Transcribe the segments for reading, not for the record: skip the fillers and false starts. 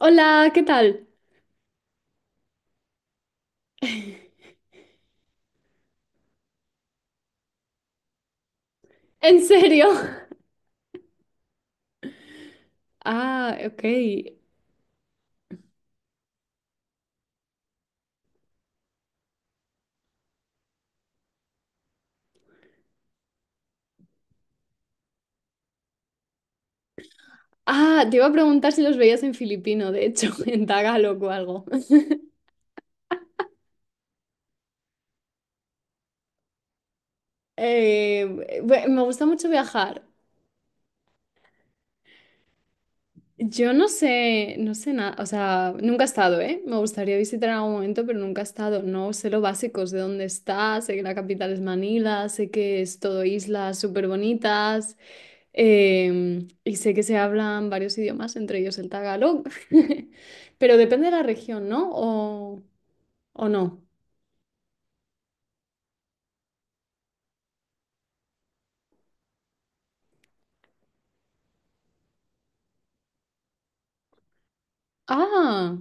Hola, ¿qué tal? ¿En serio? Ah, ok. Ah, te iba a preguntar si los veías en filipino, de hecho, en tagalog o algo. Eh, Me gusta mucho viajar. Yo no sé, no sé nada, o sea, nunca he estado, ¿eh? Me gustaría visitar en algún momento, pero nunca he estado. No sé lo básico, sé dónde está, sé que la capital es Manila, sé que es todo islas súper bonitas, y sé que se hablan varios idiomas, entre ellos el tagalog. Pero depende de la región, ¿no? O no? Ah,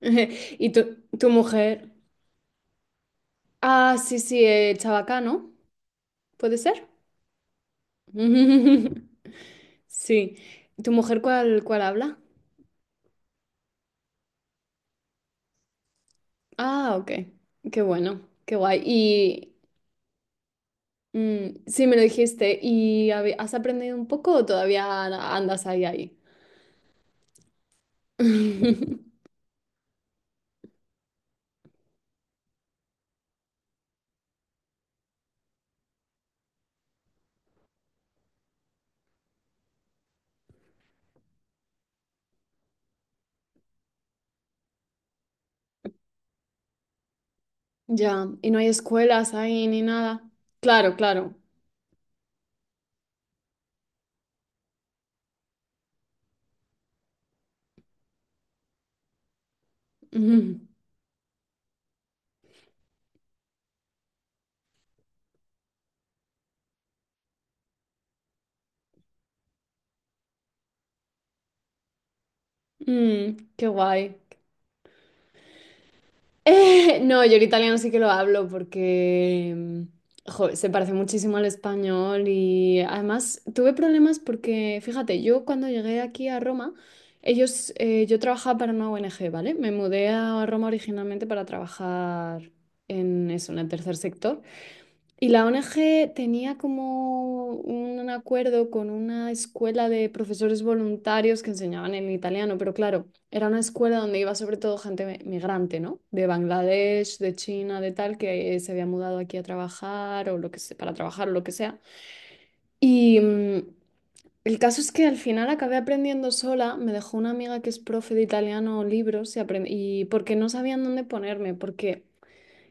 y tu mujer. Ah, sí, sí, el Chabacano, ¿puede ser? Sí. ¿Tu mujer cuál habla? Ah, ok. Qué bueno, qué guay. Y mm, sí, me lo dijiste. ¿Y has aprendido un poco o todavía andas ahí? Ya, y no hay escuelas ahí ni nada. Claro, claro. Ujú. Mm, qué guay. No, yo el italiano sí que lo hablo porque jo, se parece muchísimo al español y además tuve problemas porque, fíjate, yo cuando llegué aquí a Roma, ellos, yo trabajaba para una ONG, ¿vale? Me mudé a Roma originalmente para trabajar en eso, en el tercer sector. Y la ONG tenía como un acuerdo con una escuela de profesores voluntarios que enseñaban en italiano, pero claro, era una escuela donde iba sobre todo gente migrante, ¿no? De Bangladesh, de China, de tal, que se había mudado aquí a trabajar o lo que sea, para trabajar o lo que sea. Y el caso es que al final acabé aprendiendo sola, me dejó una amiga que es profe de italiano libros y y porque no sabían dónde ponerme, porque...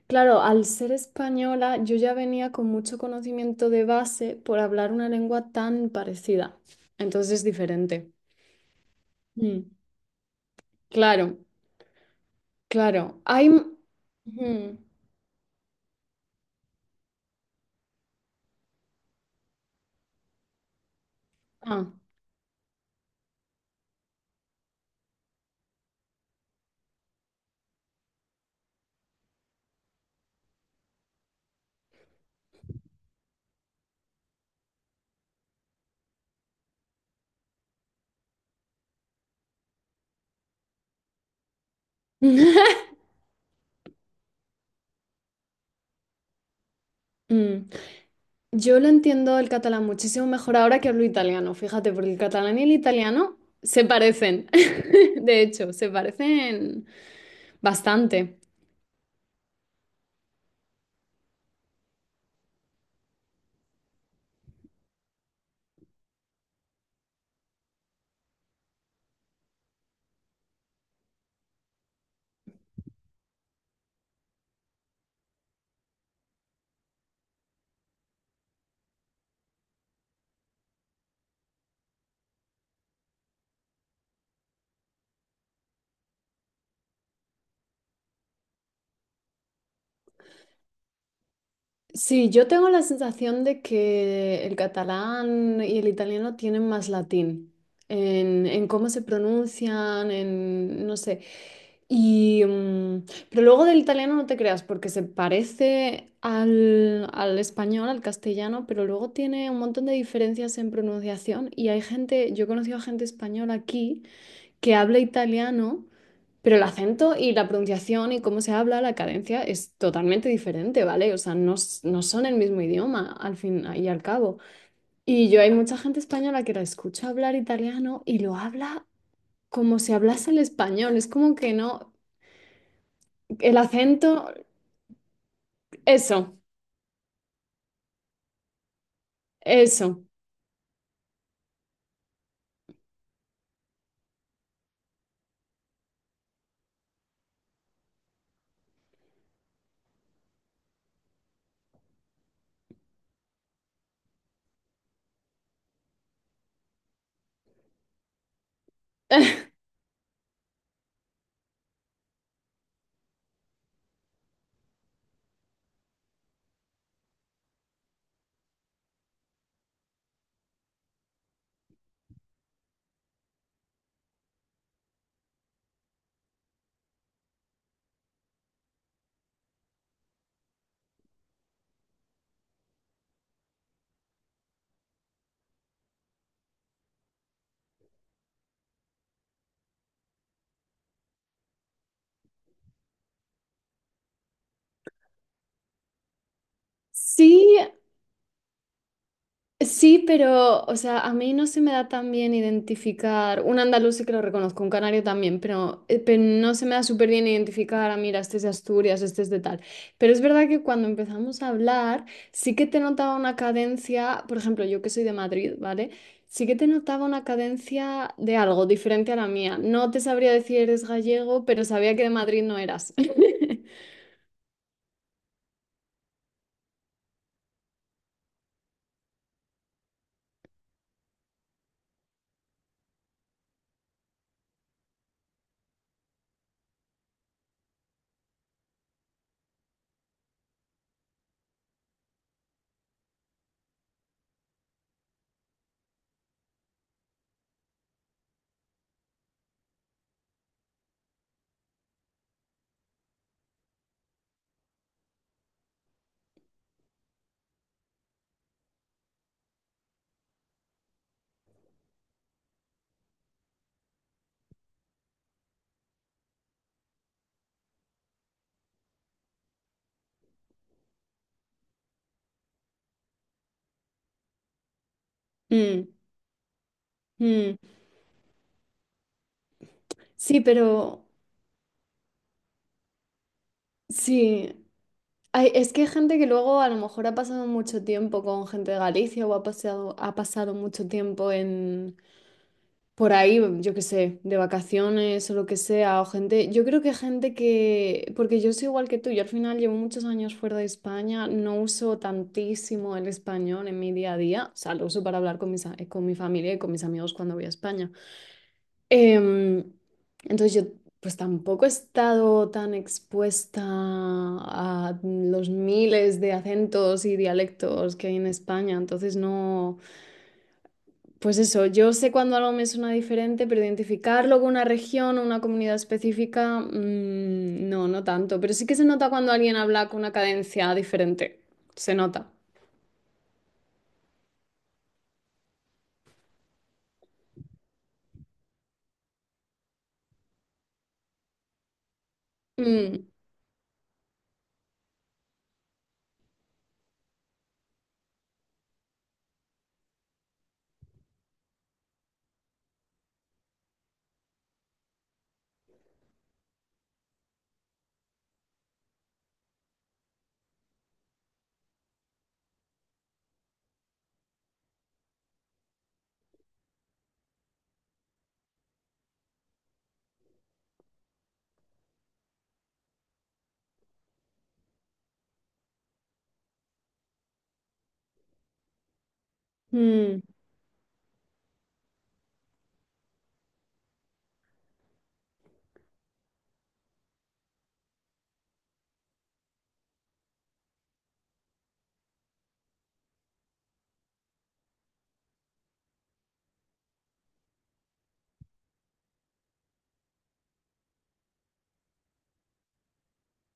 Claro, al ser española, yo ya venía con mucho conocimiento de base por hablar una lengua tan parecida. Entonces es diferente. Mm, claro, claro. Hay... Ujú. Ah. Mm. Yo lo entiendo el catalán muchísimo mejor ahora que hablo italiano, fíjate, porque el catalán y el italiano se parecen. De hecho, se parecen bastante. Sí, yo tengo la sensación de que el catalán y el italiano tienen más latín en cómo se pronuncian, en no sé. Y, pero luego del italiano no te creas, porque se parece al, al español, al castellano, pero luego tiene un montón de diferencias en pronunciación. Y hay gente, yo he conocido a gente española aquí que habla italiano, pero el acento y la pronunciación y cómo se habla, la cadencia es totalmente diferente, ¿vale? O sea, no, no son el mismo idioma al fin y al cabo. Y yo hay mucha gente española que la escucha hablar italiano y lo habla como si hablase el español. Es como que no, el acento, eso, eso. Sí, sí, pero, o sea, a mí no se me da tan bien identificar, un andaluz sí que lo reconozco, un canario también, pero no se me da súper bien identificar, ah, mira, este es de Asturias, este es de tal. Pero es verdad que cuando empezamos a hablar, sí que te notaba una cadencia, por ejemplo, yo que soy de Madrid, ¿vale? Sí que te notaba una cadencia de algo diferente a la mía. No te sabría decir eres gallego, pero sabía que de Madrid no eras. Mm, mm. Sí, pero sí. Ay, es que hay gente que luego a lo mejor ha pasado mucho tiempo con gente de Galicia o ha pasado mucho tiempo en por ahí, yo qué sé, de vacaciones o lo que sea, o gente, yo creo que gente que, porque yo soy igual que tú, yo al final llevo muchos años fuera de España, no uso tantísimo el español en mi día a día, o sea, lo uso para hablar con mis, con mi familia y con mis amigos cuando voy a España. Em, entonces yo pues tampoco he estado tan expuesta a los miles de acentos y dialectos que hay en España, entonces no, pues eso, yo sé cuando algo me suena diferente, pero identificarlo con una región o una comunidad específica, mm, no, no tanto, pero sí que se nota cuando alguien habla con una cadencia diferente, se nota. Mm, mm.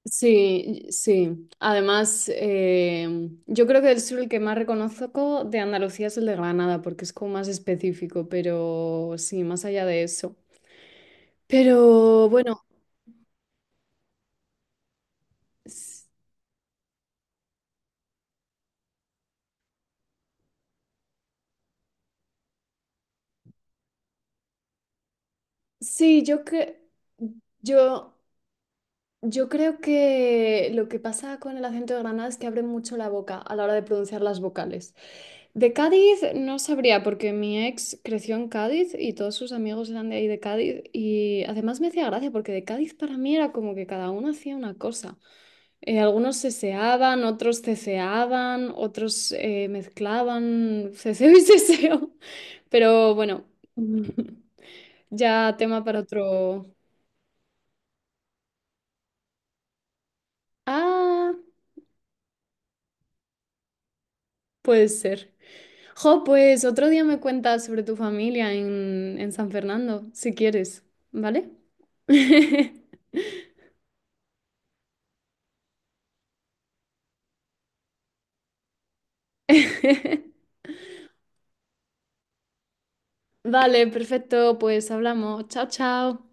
Sí, sí. Además, yo creo que el sur el que más reconozco de Andalucía es el de Granada, porque es como más específico, pero sí, más allá de eso. Pero bueno, s- sí, yo que yo... Yo creo que lo que pasa con el acento de Granada es que abren mucho la boca a la hora de pronunciar las vocales. De Cádiz no sabría porque mi ex creció en Cádiz y todos sus amigos eran de ahí de Cádiz y además me hacía gracia porque de Cádiz para mí era como que cada uno hacía una cosa. Algunos seseaban, otros ceceaban, otros mezclaban ceseo y seseo. Pero bueno, ya tema para otro. Ah. Puede ser. Jo, pues otro día me cuentas sobre tu familia en San Fernando, si quieres, ¿vale? Vale, perfecto, pues hablamos. Chao, chao.